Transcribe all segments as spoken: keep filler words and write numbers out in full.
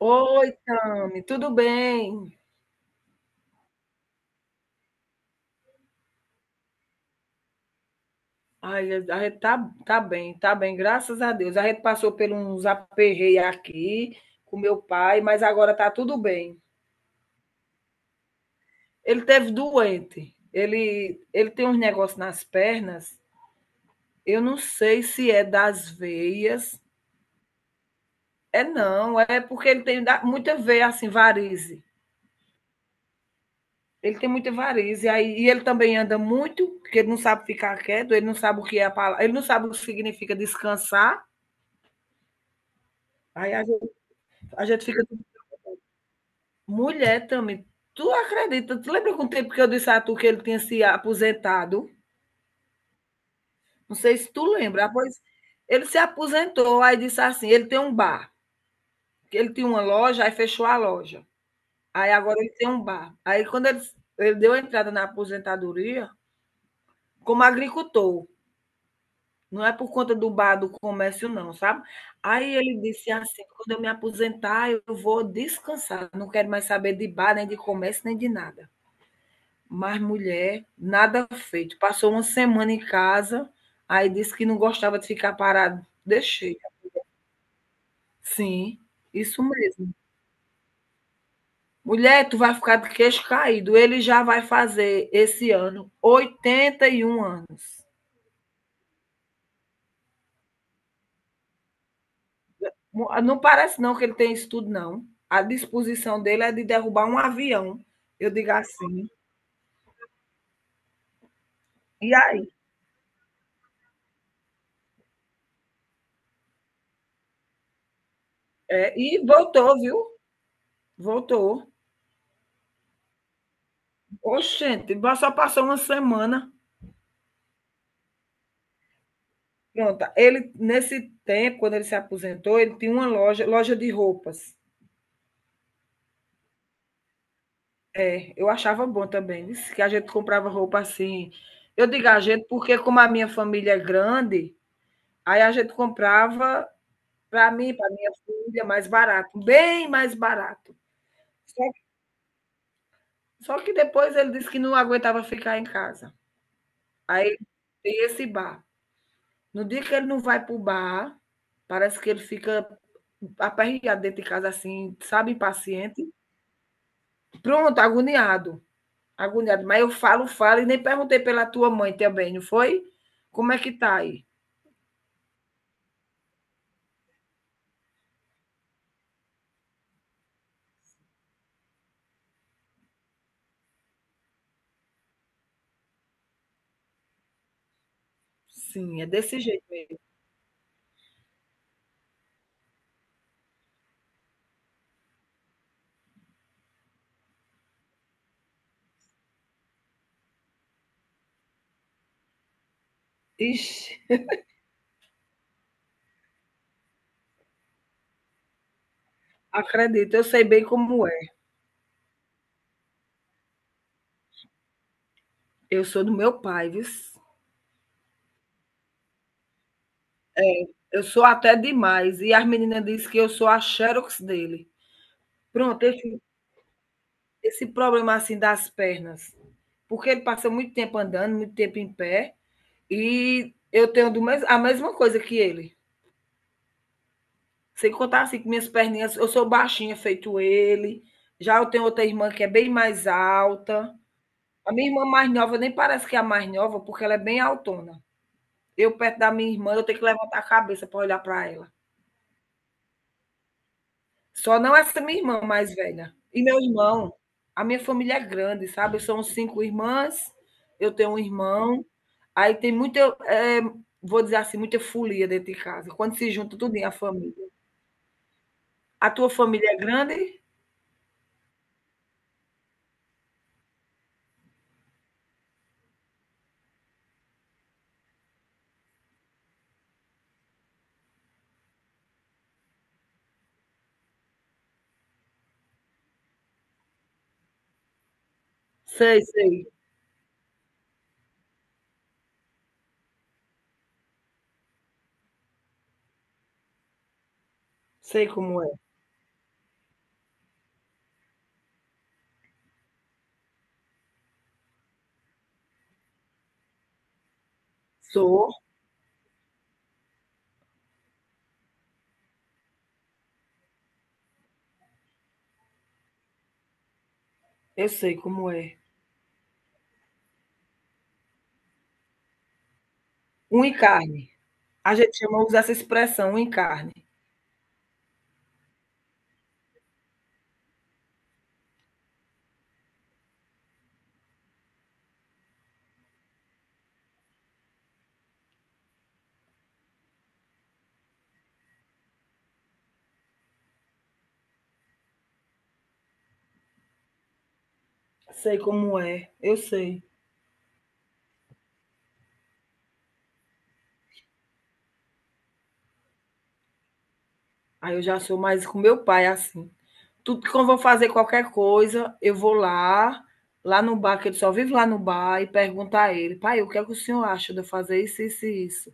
Oi, Tami, tudo bem? Ai, a gente tá, tá bem, tá bem, graças a Deus. A gente passou por uns aperreios aqui com meu pai, mas agora tá tudo bem. Ele teve doente, ele, ele tem uns negócios nas pernas, eu não sei se é das veias, é não, é porque ele tem da- muita veia, assim, varize. Ele tem muita varize, aí, e ele também anda muito, porque ele não sabe ficar quieto, ele não sabe o que é a palavra, ele não sabe o que significa descansar. Aí a gente fica, tipo, mulher também, tu acredita? Tu lembra com o tempo que eu disse a tu que ele tinha se aposentado? Não sei se tu lembra. Ah, pois ele se aposentou, aí disse assim, ele tem um bar, que ele tinha uma loja, aí fechou a loja. Aí agora ele tem um bar. Aí quando ele, ele deu a entrada na aposentadoria, como agricultor, não é por conta do bar, do comércio não, sabe? Aí ele disse assim, quando eu me aposentar, eu vou descansar, não quero mais saber de bar, nem de comércio, nem de nada. Mas, mulher, nada feito. Passou uma semana em casa, aí disse que não gostava de ficar parado. Deixei. Sim, isso mesmo. Mulher, tu vai ficar de queixo caído. Ele já vai fazer esse ano oitenta e um anos. Mu- ah, Não parece não que ele tem isso tudo, não. A disposição dele é de derrubar um avião. Eu digo assim. E aí? É, e voltou, viu? Voltou. Oxente, só passou uma semana. Pronto, ele nesse tempo, quando ele se aposentou, ele tinha uma loja, loja de roupas. É, eu achava bom também, disse que a gente comprava roupa assim. Eu digo a gente porque como a minha família é grande, aí a gente comprava para mim, para minha filha, mais barato, bem mais barato. Só, só que depois ele disse que não aguentava ficar em casa. Aí tem esse bar. No dia que ele não vai para o bar, parece que ele fica aperreado dentro de casa assim, sabe, impaciente. Pronto, agoniado. Agoniado. Mas eu falo, falo, e nem perguntei pela tua mãe também, não foi? Como é que tá aí? Sim, é desse jeito mesmo. Ixi, acredito, eu sei bem como é. Eu sou do meu pai, viu? Eu sou até demais. E as meninas dizem que eu sou a Xerox dele. Pronto, esse, esse problema assim das pernas. Porque ele passa muito tempo andando, muito tempo em pé. E eu tenho do mes- a mesma coisa que ele. Sem contar assim que minhas perninhas, eu sou baixinha feito ele. Já eu tenho outra irmã que é bem mais alta. A minha irmã mais nova nem parece que é a mais nova, porque ela é bem altona. Eu perto da minha irmã, eu tenho que levantar a cabeça para olhar para ela. Só não essa minha irmã mais velha. E meu irmão, a minha família é grande, sabe? São cinco irmãs, eu tenho um irmão. Aí tem muita, eh, vou dizer assim, muita folia dentro de casa. Quando se junta tudo em a família. A tua família é grande? Sei, sei. Sei como é. Sou, eu sei como é. Um encarne. A gente chama, usa essa expressão, um encarne. Sei como é, eu sei. Aí eu já sou mais com meu pai assim. Tudo que eu vou fazer qualquer coisa, eu vou lá, lá no bar, que ele só vive lá no bar, e pergunto a ele: pai, o que é que o senhor acha de eu fazer isso, isso e isso?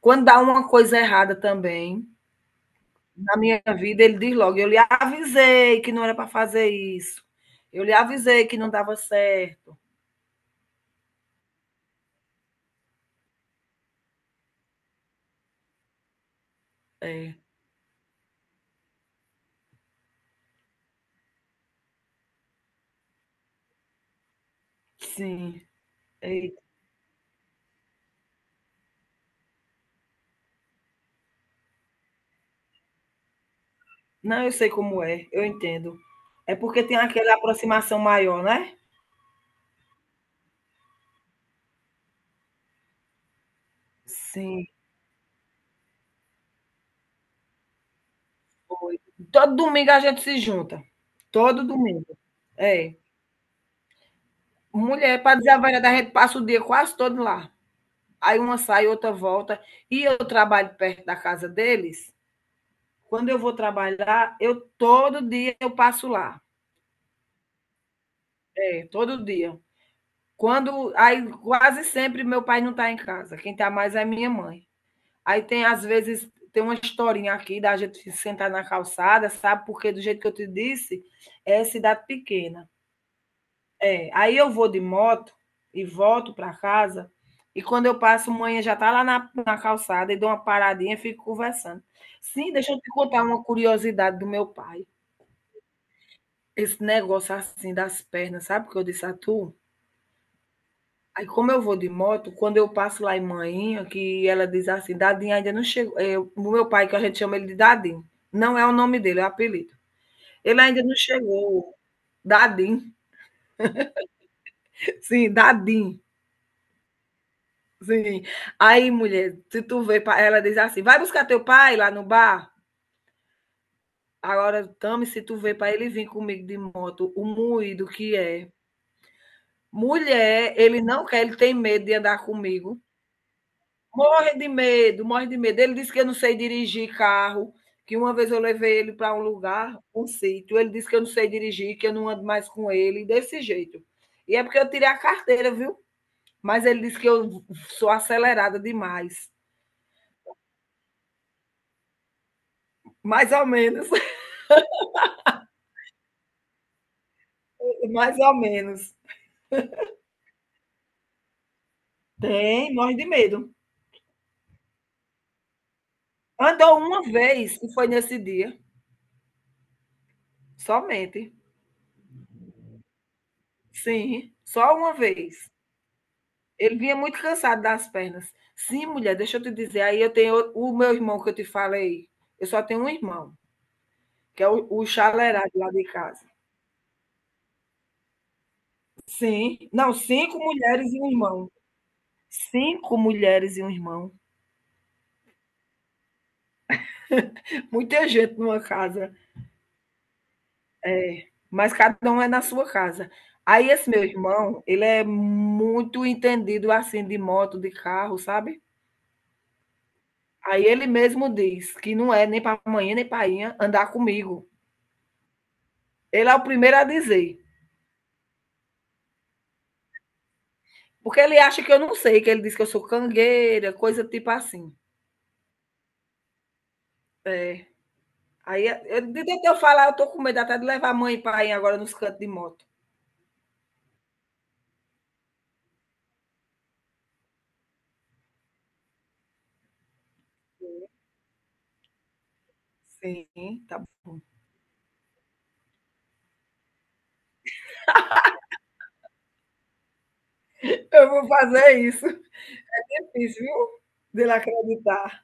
Quando dá uma coisa errada também, na minha vida, ele diz logo: eu lhe avisei que não era para fazer isso, eu lhe avisei que não dava certo. É. Sim. Eita. Não, eu sei como é, eu entendo. É porque tem aquela aproximação maior, né? Sim, foi. Todo domingo a gente se junta. Todo domingo. É. Mulher, para dizer a verdade, a gente passa o dia quase todo lá. Aí uma sai, outra volta. E eu trabalho perto da casa deles. Quando eu vou trabalhar, eu todo dia eu passo lá. É, todo dia. Quando, aí quase sempre meu pai não está em casa. Quem está mais é minha mãe. Aí tem, às vezes, tem uma historinha aqui da gente sentar na calçada, sabe? Porque do jeito que eu te disse, é cidade pequena. É, aí eu vou de moto e volto para casa, e quando eu passo, manhã já tá lá na, na calçada e dou uma paradinha e fico conversando. Sim, deixa eu te contar uma curiosidade do meu pai. Esse negócio assim das pernas, sabe o que eu disse a tu? Aí, como eu vou de moto, quando eu passo lá em Manhinha, que ela diz assim, Dadinho ainda não chegou. É, o meu pai, que a gente chama ele de Dadinho, não é o nome dele, é o apelido. Ele ainda não chegou. Dadinho, sim, Dadinho, sim. Aí, mulher, se tu vê, pra- ela diz assim, vai buscar teu pai lá no bar? Agora, Tami, se tu vê para ele vir comigo de moto, o moído que é. Mulher, ele não quer, ele tem medo de andar comigo. Morre de medo, morre de medo. Ele disse que eu não sei dirigir carro, que uma vez eu levei ele para um lugar, um sítio. Ele disse que eu não sei dirigir, que eu não ando mais com ele, desse jeito. E é porque eu tirei a carteira, viu? Mas ele disse que eu sou acelerada demais. Mais ou menos, mais ou menos. Tem, morre de medo. Andou uma vez e foi nesse dia, somente. Sim, só uma vez. Ele vinha muito cansado das pernas. Sim, mulher, deixa eu te dizer. Aí eu tenho o- meu irmão que eu te falei. Eu só tenho um irmão, que é o, o chalerado lá de casa. Sim. Não, cinco mulheres e um irmão. Cinco mulheres e um irmão. Muita gente numa casa. É, mas cada um é na sua casa. Aí esse meu irmão, ele é muito entendido assim de moto, de carro, sabe? Aí ele mesmo diz que não é nem para amanhã nem para andar comigo. Ele é o primeiro a dizer. Porque ele acha que eu não sei, que ele diz que eu sou cangueira, coisa tipo assim. É. Aí, eu, de tanto eu falar, eu tô com medo até de levar a mãe e pai agora nos cantos de moto. Sim, tá bom. Eu vou fazer isso. Isso, viu? De ele acreditar.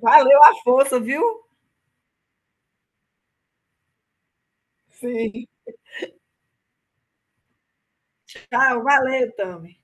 Valeu a força, viu? Sim. Tchau, valeu, Tami.